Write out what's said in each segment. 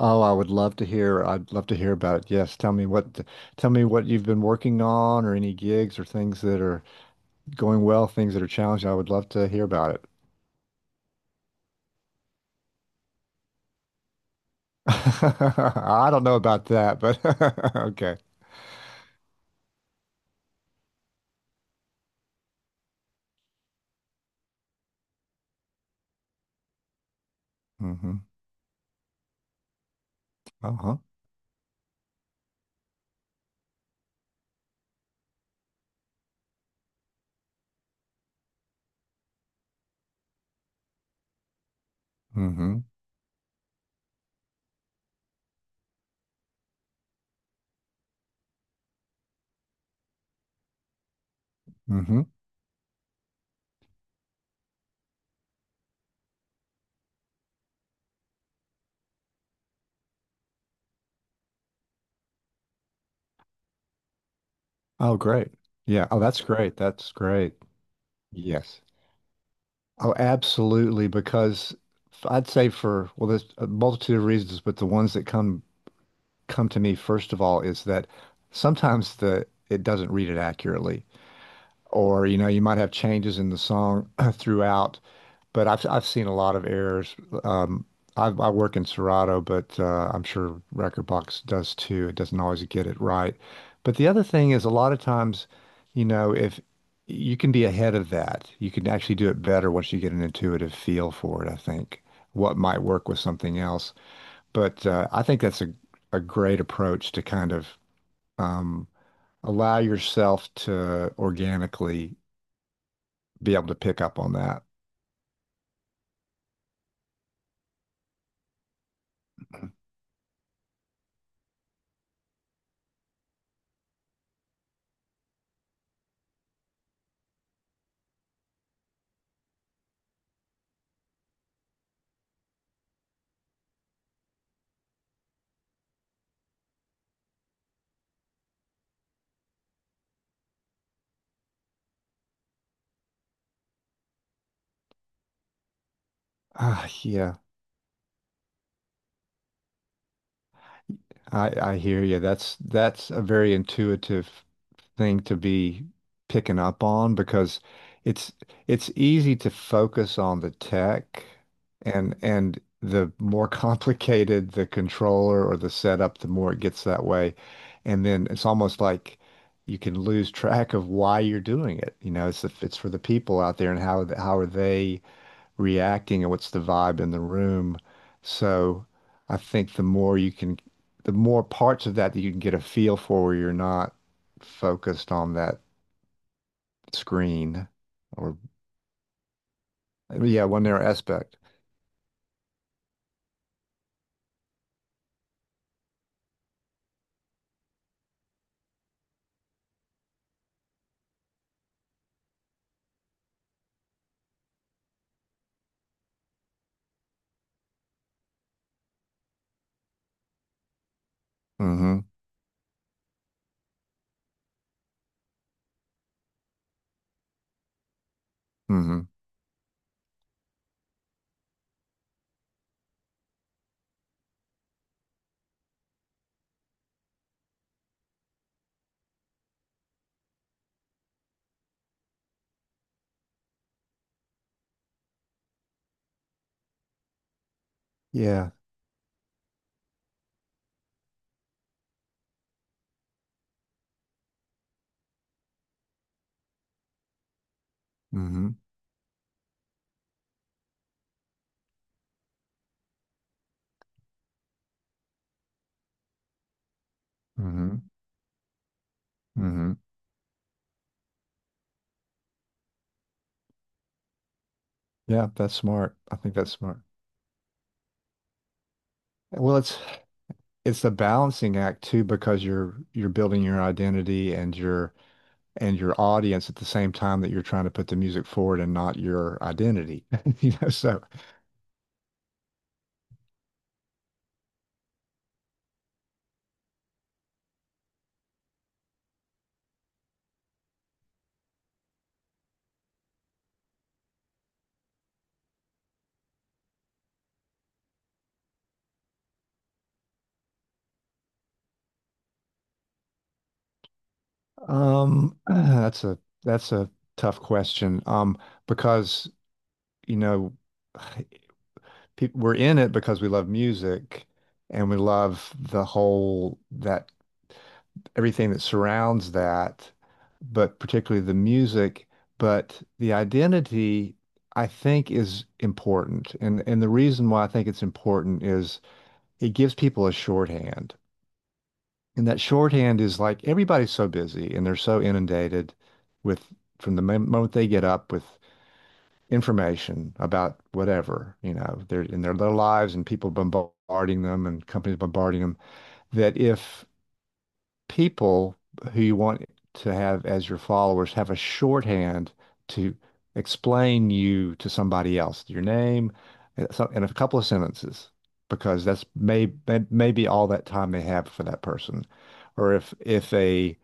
Oh, I would love to hear. I'd love to hear about it. Yes, tell me what you've been working on, or any gigs or things that are going well, things that are challenging. I would love to hear about it. I don't know about that, but okay. Mm-hmm. Uh-huh. Mm-hmm. Mm-hmm. Oh, great. Yeah. Oh, that's great. That's great. Yes. Oh, absolutely. Because I'd say for, well, there's a multitude of reasons, but the ones that come to me first of all is that sometimes the it doesn't read it accurately, or you know, you might have changes in the song throughout, but I've seen a lot of errors. um I, work in Serato, but I'm sure Recordbox does too. It doesn't always get it right, but the other thing is, a lot of times, you know, if you can be ahead of that, you can actually do it better once you get an intuitive feel for it. I think what might work with something else, but I think that's a great approach to kind of um, allow yourself to organically be able to pick up on that. Ah, yeah. I hear you. That's a very intuitive thing to be picking up on, because it's it's easy to focus on the tech. And the more complicated the controller or the setup, the more it gets that way. And then it's almost like you can lose track of why you're doing it. You know, it's for the people out there and how are they reacting and what's the vibe in the room. So I think the more you the more parts of that that you can get a feel for, where you're not focused on that screen, or, yeah, one narrow aspect. Mm-hmm. Mm-hmm. Yeah. Mm-hmm. Mm-hmm. Mm-hmm. Yeah, that's smart. I think that's smart. Well, it's a balancing act too, because you're building your identity and you're and your audience at the same time that you're trying to put the music forward and not your identity. You know, so um that's a that's a tough question. Because you know, we're in it because we love music, and we love the whole that everything that surrounds that, but particularly the music, but the identity, I think, is important. And the reason why I think it's important is it gives people a shorthand. And that shorthand is like, everybody's so busy and they're so inundated with, from the moment they get up, with information about whatever, you know, they're in their little lives and people bombarding them and companies bombarding them, that if people who you want to have as your followers have a shorthand to explain you to somebody else, your name, in a couple of sentences, because that's maybe all that time they have for that person. Or if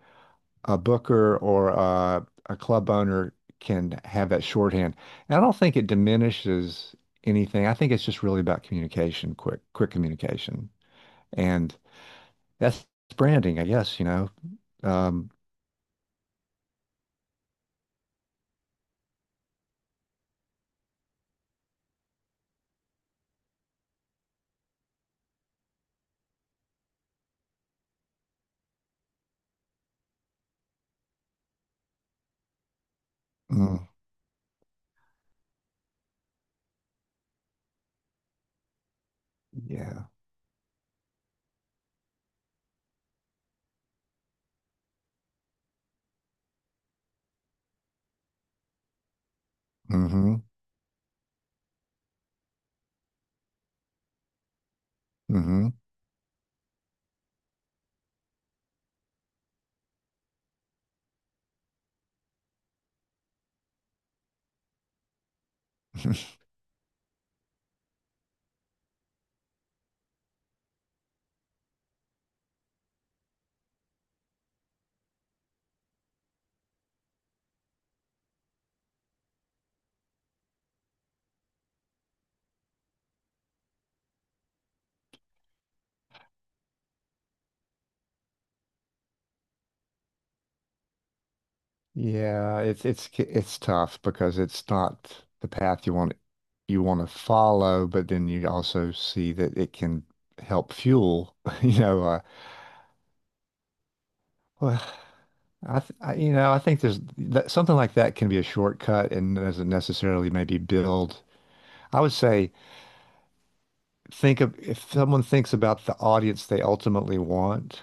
a booker or a club owner can have that shorthand, and I don't think it diminishes anything. I think it's just really about communication, quick communication, and that's branding, I guess, you know. Um, mm, yeah. Mm-hmm. Mm-hmm. Yeah, it's it's tough because it's not the path you want, to follow, but then you also see that it can help fuel, you know, well, I, th I you know, I think there's that, something like that can be a shortcut and doesn't necessarily maybe build. I would say, think of, if someone thinks about the audience they ultimately want.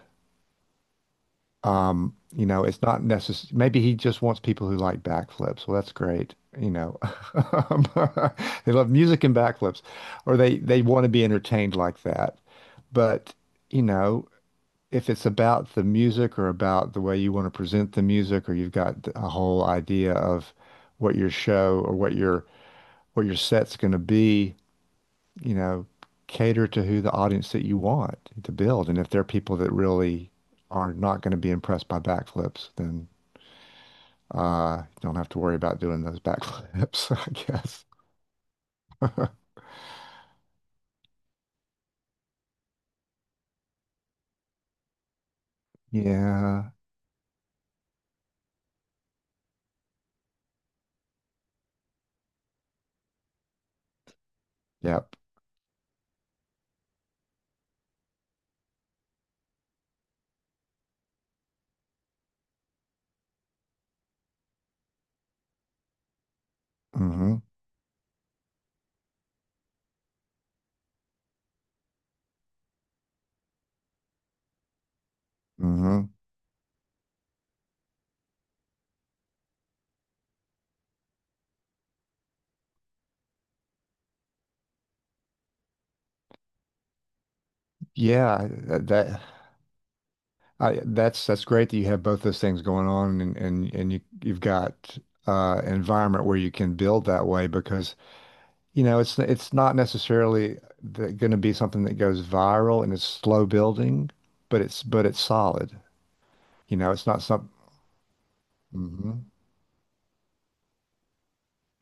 You know, it's not necessary. Maybe he just wants people who like backflips. Well, that's great. You know, they love music and backflips, or they want to be entertained like that. But you know, if it's about the music or about the way you want to present the music, or you've got a whole idea of what your show or what your set's going to be, you know, cater to who the audience that you want to build. And if there are people that really are not going to be impressed by backflips, then you don't have to worry about doing those backflips, I guess. Yeah. Yep. Hmm. Hmm. Yeah. That's great that you have both those things going on, and you you've got an environment where you can build that way, because you know, it's not necessarily going to be something that goes viral, and it's slow building, but it's solid. You know, it's not some. Mhm.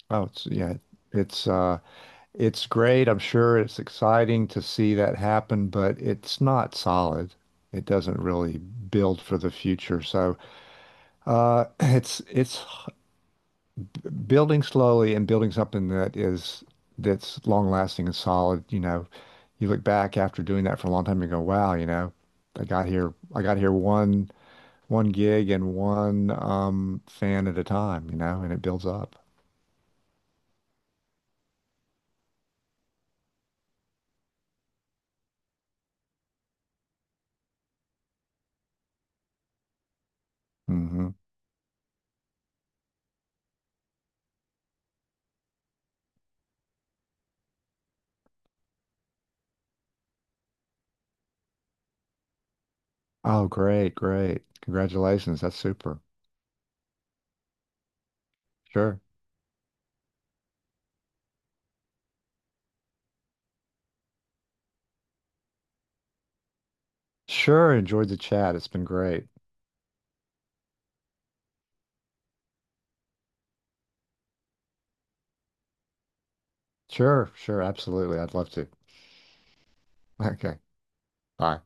Oh, it's yeah, it's uh, it's great. I'm sure it's exciting to see that happen, but it's not solid. It doesn't really build for the future. So it's building slowly and building something that is that's long lasting and solid, you know, you look back after doing that for a long time and go, wow, you know, I got here, one gig and one fan at a time, you know, and it builds up. Hmm. Oh, great, great. Congratulations. That's super. Sure. Sure. Enjoyed the chat. It's been great. Sure, sure, absolutely. I'd love to. Okay. Bye.